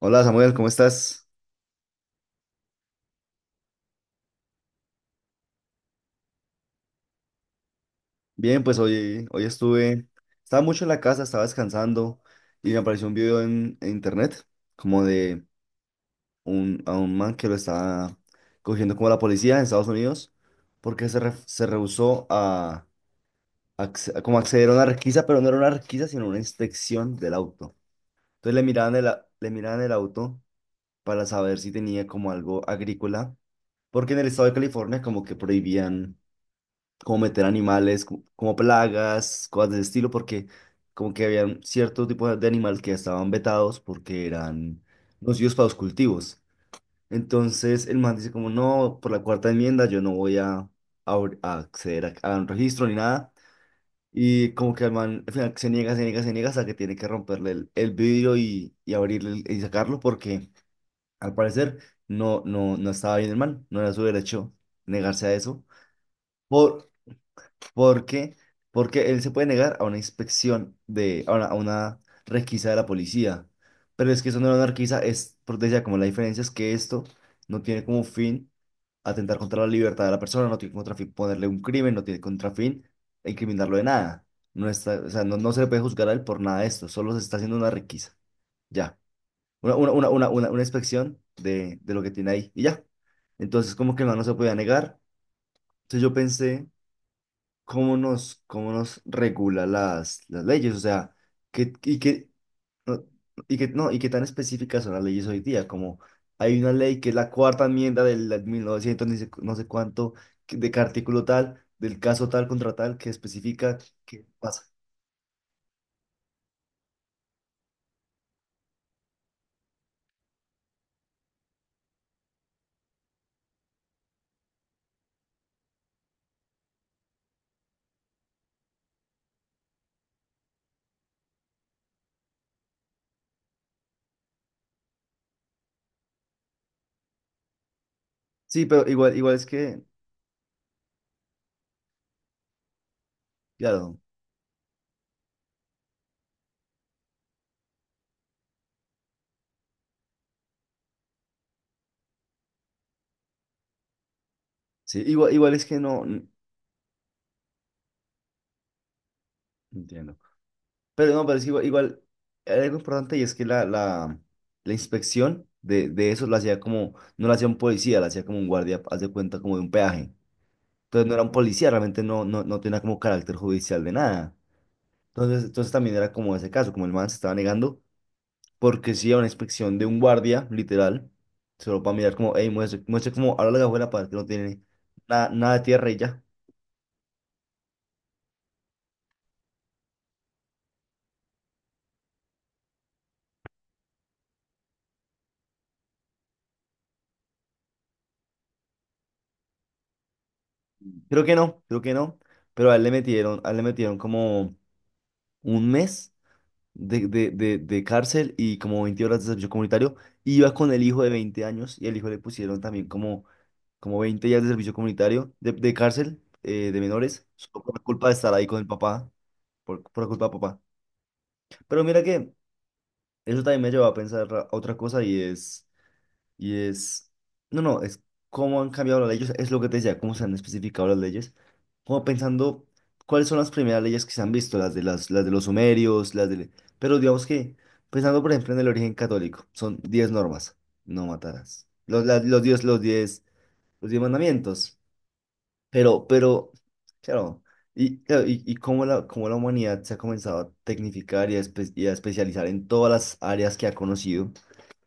Hola Samuel, ¿cómo estás? Bien, pues hoy estaba mucho en la casa, estaba descansando y me apareció un video en internet como de a un man que lo estaba cogiendo como la policía en Estados Unidos porque se rehusó a como acceder a una requisa, pero no era una requisa, sino una inspección del auto. Entonces le miraban el auto para saber si tenía como algo agrícola, porque en el estado de California como que prohibían como meter animales, como plagas, cosas de ese estilo, porque como que habían ciertos tipos de animales que estaban vetados porque eran no nocivos para los cultivos. Entonces el man dice como, no, por la cuarta enmienda yo no voy a acceder a un registro ni nada. Y como que el man al final se niega, se niega, se niega hasta que tiene que romperle el vidrio y abrirle y sacarlo porque al parecer no estaba bien el man, no era su derecho negarse a eso. Porque, porque él se puede negar a una inspección a una requisa de la policía. Pero es que eso no era una requisa, por decía, como la diferencia es que esto no tiene como fin atentar contra la libertad de la persona, no tiene contra fin ponerle un crimen, no tiene contra fin incriminarlo de nada. O sea, no se le puede juzgar a él por nada de esto, solo se está haciendo una requisa. Ya. Una inspección de lo que tiene ahí. Y ya. Entonces, como que el man no se podía negar. Entonces yo pensé cómo nos regula las leyes, o sea, que, y que, no, y que, no, y qué tan específicas son las leyes hoy día, como hay una ley que es la cuarta enmienda del 1900 ni sé- no sé cuánto, de qué artículo tal, del caso tal contra tal, que especifica qué pasa. Sí, pero igual es que, claro, sí, igual es que no, entiendo. Pero no, pero es que igual hay algo importante y es que la inspección de eso la hacía como, no la hacía un policía, la hacía como un guardia, haz de cuenta como de un peaje. Entonces no era un policía, realmente no tenía como carácter judicial de nada. Entonces también era como ese caso, como el man se estaba negando, porque sí era una inspección de un guardia, literal, solo para mirar como, hey, muestre, muestre como, ahora la cajuela para ver que no tiene nada, nada de tierra y ya. Creo que no, pero a él le metieron, a él le metieron como un mes de cárcel y como 20 horas de servicio comunitario. Iba con el hijo de 20 años y el hijo le pusieron también como 20 días de servicio comunitario de cárcel de menores, solo por la culpa de estar ahí con el papá, por la culpa de papá. Pero mira que eso también me llevó a pensar otra cosa y es... Y es, no, no, es cómo han cambiado las leyes, es lo que te decía, cómo se han especificado las leyes, como pensando cuáles son las primeras leyes que se han visto, las de los sumerios, las de... Pero digamos que, pensando por ejemplo en el origen católico, son 10 normas, no matarás, los, las- los 10, los diez los 10 mandamientos, pero, claro, y cómo la humanidad se ha comenzado a tecnificar y a especializar en todas las áreas que ha conocido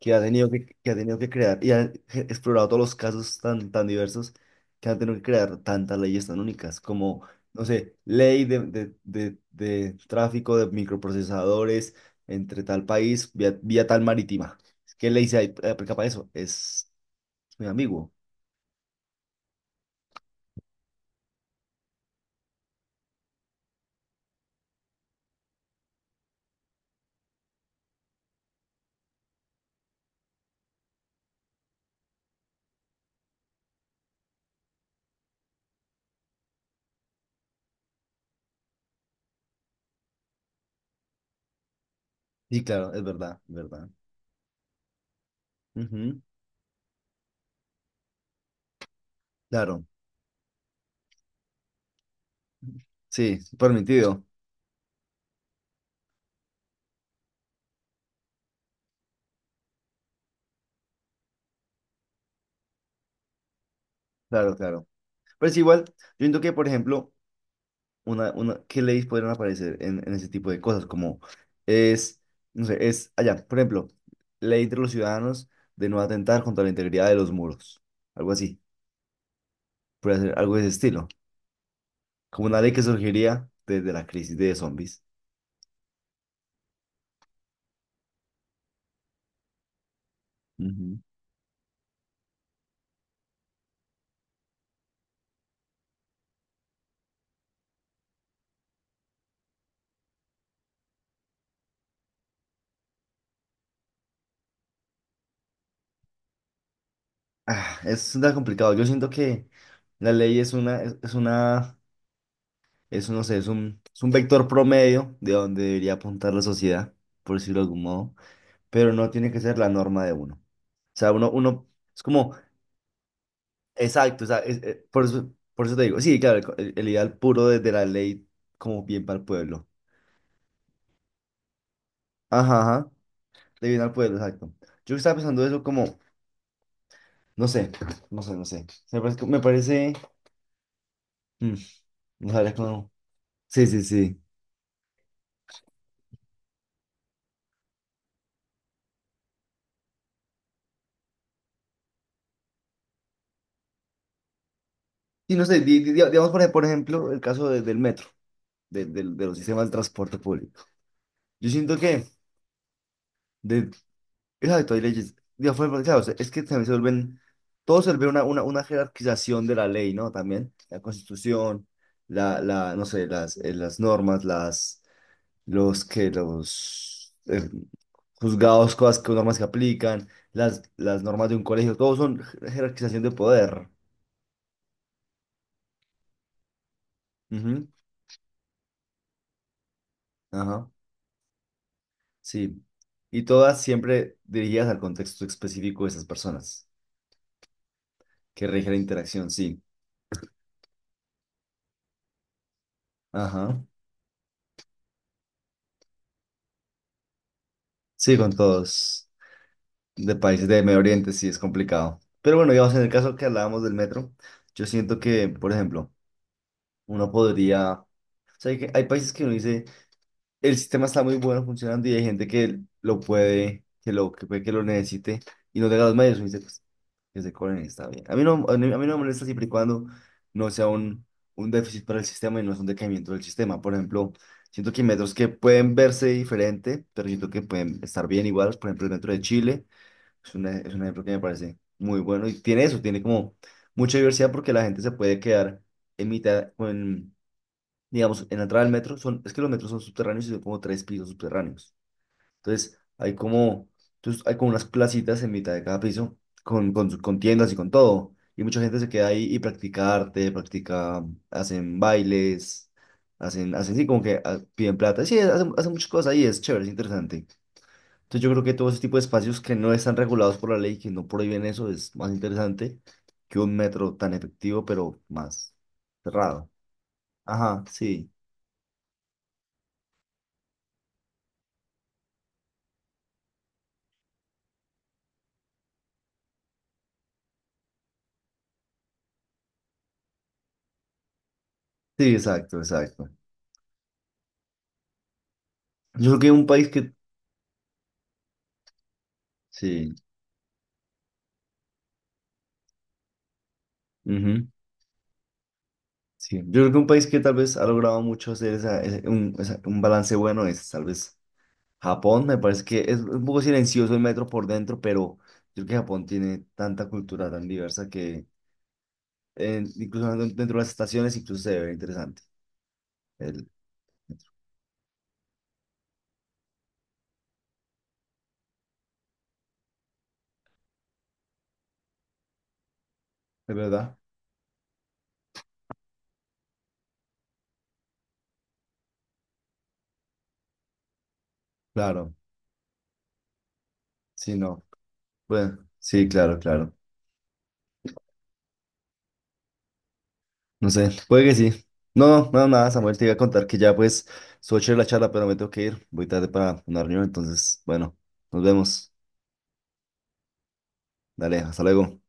que ha tenido que ha tenido que crear y ha explorado todos los casos tan, tan diversos que han tenido que crear tantas leyes tan únicas como, no sé, ley de tráfico de microprocesadores entre tal país vía tal marítima. ¿Qué ley se aplica para eso? Es muy ambiguo. Sí, claro, es verdad, es verdad. Ujú. Claro, sí, permitido. Claro, claro. Pero es igual, yo entiendo que, por ejemplo, ¿qué leyes podrían aparecer en ese tipo de cosas? Como es, no sé, es allá, por ejemplo, ley entre los ciudadanos de no atentar contra la integridad de los muros, algo así, puede ser algo de ese estilo, como una ley que surgiría desde la crisis de zombies. Ujú. Ah, es tan complicado, yo siento que la ley es un, no sé, es un vector promedio de donde debería apuntar la sociedad, por decirlo de algún modo, pero no tiene que ser la norma de uno. O sea, es como... Exacto, o sea, por eso te digo, sí, claro, el ideal puro de la ley como bien para el pueblo. Ajá, ajá, de bien al pueblo, exacto. Yo estaba pensando eso como, no sé, no sé, no sé. Me parece, mm, no sabría cómo. Sí, sí, sí. Y no sé, digamos por ejemplo el caso del metro, de los sistemas de transporte público. Yo siento que de- Exacto, hay leyes. Digo, claro, o sea, es que también se vuelven, todo se vuelve una jerarquización de la ley, ¿no? También la constitución, no sé, las normas, las, los que, los juzgados, cosas, normas que aplican, las normas de un colegio, todo son jerarquización de poder. Ujú. Ajá, sí. Y todas siempre dirigidas al contexto específico de esas personas que rige la interacción, sí. Ajá, sí, con todos. De países de Medio Oriente sí es complicado. Pero bueno, digamos, en el caso que hablábamos del metro, yo siento que, por ejemplo, uno podría... O sea, hay países que uno dice, el sistema está muy bueno funcionando y hay gente que lo puede, que lo, que puede que lo necesite y no tenga los medios. Uno dice, pues, que se cobren, está bien. A mí no me molesta siempre y cuando no sea un déficit para el sistema y no es un decaimiento del sistema. Por ejemplo, siento que hay metros que pueden verse diferente, pero siento que pueden estar bien igual. Por ejemplo, el metro de Chile. Es un ejemplo que me parece muy bueno y tiene eso, tiene como mucha diversidad porque la gente se puede quedar en mitad, con, digamos, en la entrada del metro, es que los metros son subterráneos y son como tres pisos subterráneos. Entonces hay como, entonces hay como unas placitas en mitad de cada piso con tiendas y con todo. Y mucha gente se queda ahí y practica arte, practica, hacen bailes, hacen sí, como que piden plata. Sí, hacen muchas cosas ahí, es chévere, es interesante. Entonces yo creo que todo ese tipo de espacios que no están regulados por la ley, que no prohíben eso, es más interesante que un metro tan efectivo, pero más cerrado. Ajá, sí, sí, exacto, exacto. Yo creo que un país que, sí, ujú, sí, yo creo que un país que tal vez ha logrado mucho hacer un balance bueno es tal vez Japón, me parece que es un poco silencioso el metro por dentro, pero yo creo que Japón tiene tanta cultura tan diversa que incluso dentro de las estaciones incluso se ve interesante. el- Es verdad, claro, sí, no, bueno, sí, claro, claro, no sé, puede que sí. No, no, no, nada, Samuel, te iba a contar que ya pues estuvo chévere la charla, pero me tengo que ir, voy tarde para una reunión, entonces, bueno, nos vemos, dale, hasta luego.